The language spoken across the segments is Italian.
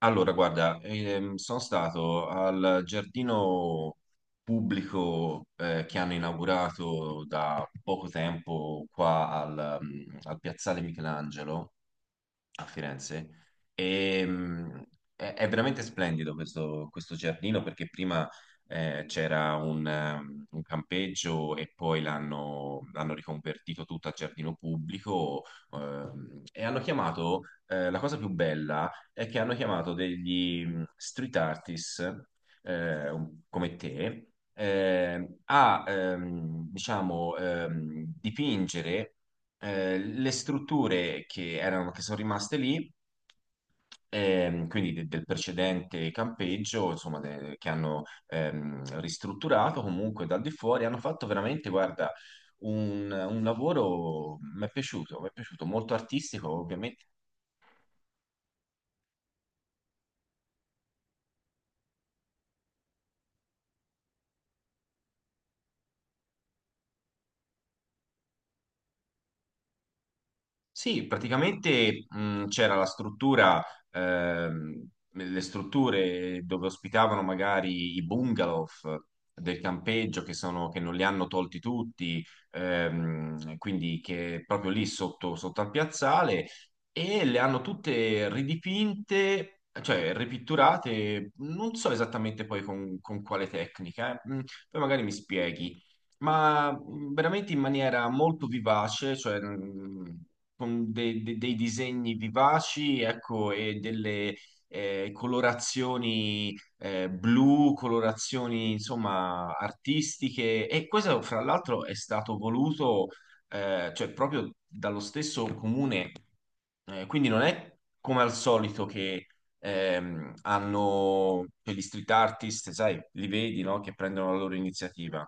Allora, guarda, sono stato al giardino pubblico che hanno inaugurato da poco tempo qua al al Piazzale Michelangelo a Firenze. E, mh, è veramente splendido questo giardino perché prima c'era un campeggio e poi l'hanno riconvertito tutto a giardino pubblico. Ehm, e hanno chiamato, la cosa più bella è che hanno chiamato degli street artist come te, a diciamo, dipingere le strutture che sono rimaste lì, quindi del precedente campeggio, insomma, che hanno ristrutturato comunque dal di fuori. Hanno fatto veramente, guarda, un lavoro, mi è piaciuto, molto artistico, ovviamente. Sì, praticamente, c'era la struttura, le strutture dove ospitavano magari i bungalow del campeggio, che non li hanno tolti tutti, quindi che proprio lì sotto, sotto al piazzale, e le hanno tutte ridipinte, cioè ripitturate, non so esattamente poi con quale tecnica, eh. Poi magari mi spieghi, ma veramente in maniera molto vivace, cioè, con dei disegni vivaci, ecco, e delle colorazioni, blu, colorazioni insomma artistiche. E questo, fra l'altro, è stato voluto, cioè, proprio dallo stesso comune. Quindi non è come al solito che hanno per gli street artist, sai, li vedi, no? Che prendono la loro iniziativa.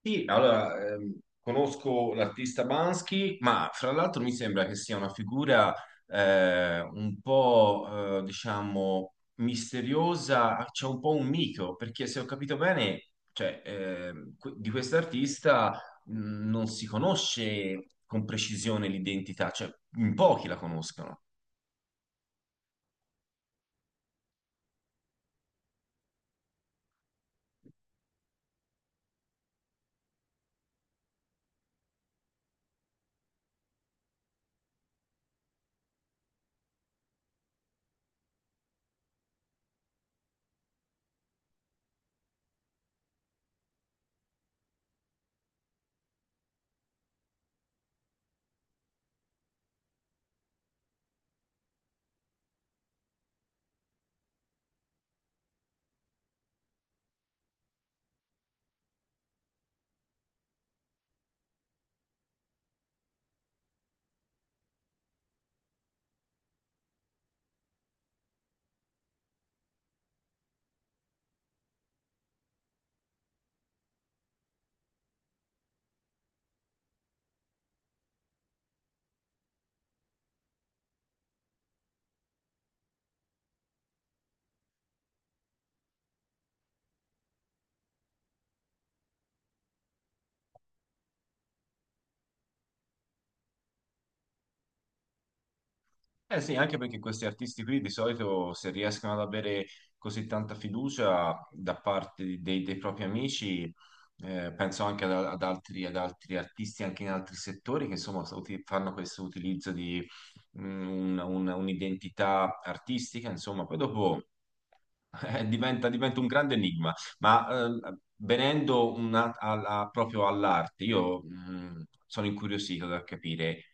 Sì, allora, conosco l'artista Bansky, ma fra l'altro mi sembra che sia una figura un po', diciamo, misteriosa, c'è un po' un mito, perché se ho capito bene, cioè, di quest'artista non si conosce con precisione l'identità, cioè in pochi la conoscono. Eh sì, anche perché questi artisti qui di solito, se riescono ad avere così tanta fiducia da parte dei propri amici, penso anche ad altri artisti anche in altri settori che insomma fanno questo utilizzo di un'identità artistica, insomma, poi dopo diventa un grande enigma. Ma venendo proprio all'arte, io sono incuriosito da capire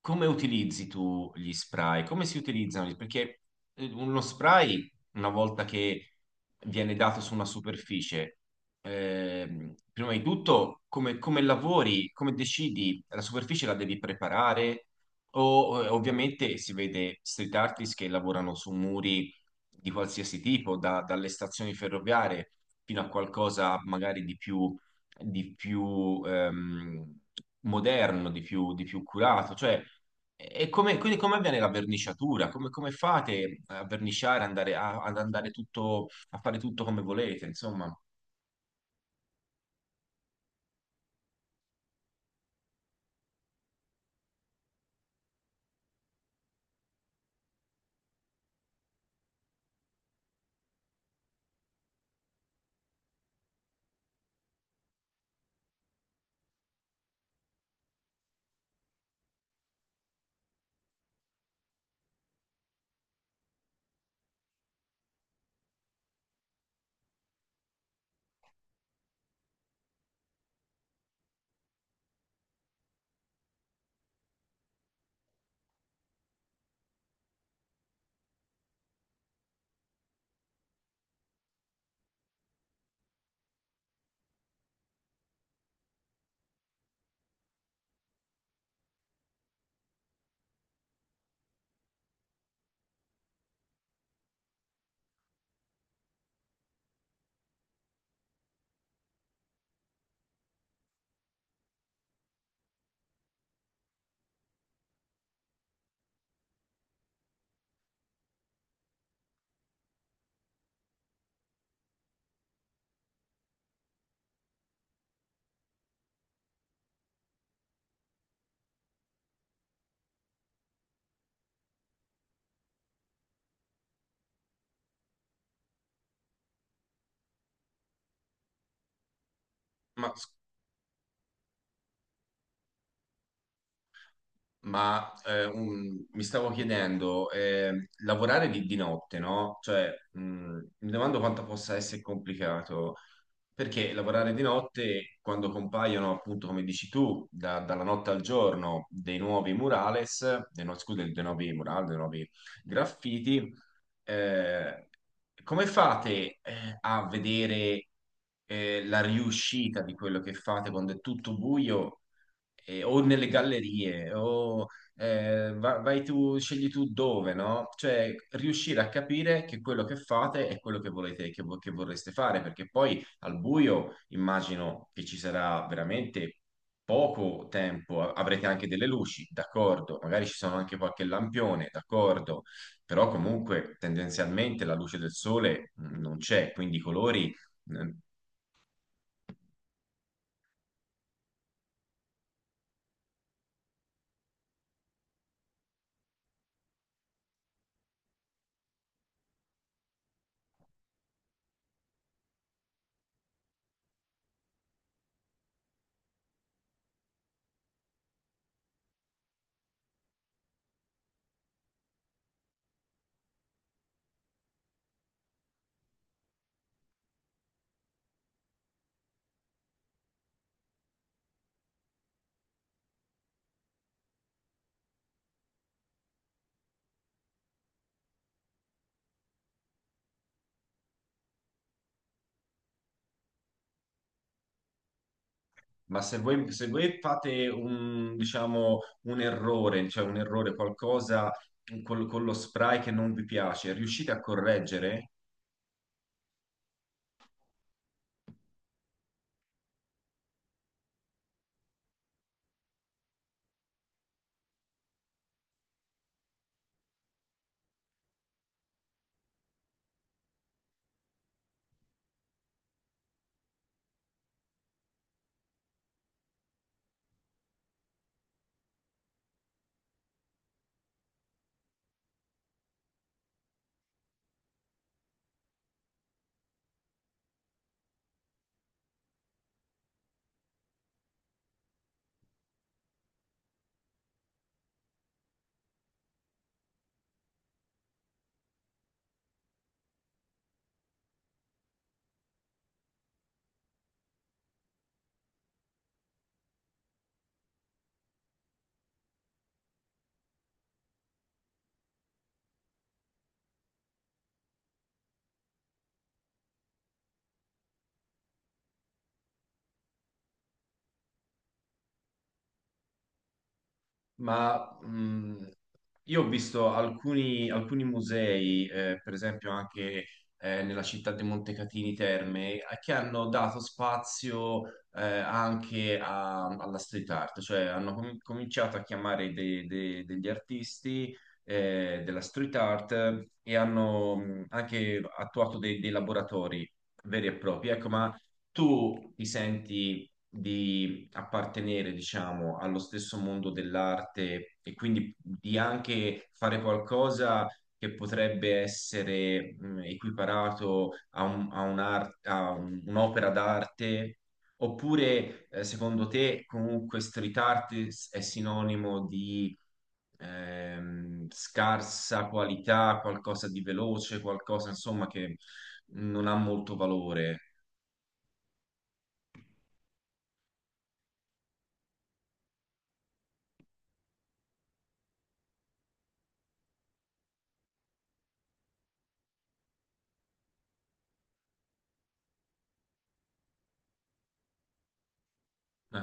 come utilizzi tu gli spray, come si utilizzano, perché uno spray, una volta che viene dato su una superficie, prima di tutto come, come lavori, come decidi? La superficie la devi preparare, o ovviamente si vede street artist che lavorano su muri di qualsiasi tipo, dalle stazioni ferroviarie fino a qualcosa magari di più, di più ehm, moderno, di più curato. Cioè, e come, quindi come avviene la verniciatura? Come, come fate a verniciare, andare ad andare tutto, a fare tutto come volete? Insomma, ma s- ma mi stavo chiedendo, lavorare di notte, no? Cioè, mi domando quanto possa essere complicato, perché lavorare di notte, quando compaiono, appunto, come dici tu, dalla notte al giorno, dei nuovi murales, dei, no- scusa, dei nuovi murales, dei nuovi graffiti, eh, come fate a vedere la riuscita di quello che fate quando è tutto buio? O nelle gallerie, o vai tu, scegli tu dove, no? Cioè, riuscire a capire che quello che fate è quello che volete, che vorreste fare, perché poi al buio immagino che ci sarà veramente poco tempo. A- avrete anche delle luci, d'accordo, magari ci sono anche qualche lampione, d'accordo, però comunque tendenzialmente la luce del sole non c'è, quindi i colori… mm, Ma se voi, se voi fate un, diciamo, un errore, cioè un errore, qualcosa con lo spray che non vi piace, riuscite a correggere? Ma io ho visto alcuni, alcuni musei, per esempio anche nella città di Montecatini Terme, che hanno dato spazio anche alla street art, cioè hanno cominciato a chiamare degli artisti della street art, e hanno anche attuato dei, dei laboratori veri e propri. Ecco, ma tu ti senti appartenere, diciamo, allo stesso mondo dell'arte, e quindi di anche fare qualcosa che potrebbe essere equiparato a un'opera d'arte, oppure secondo te comunque street art è sinonimo di scarsa qualità, qualcosa di veloce, qualcosa insomma che non ha molto valore? Eh.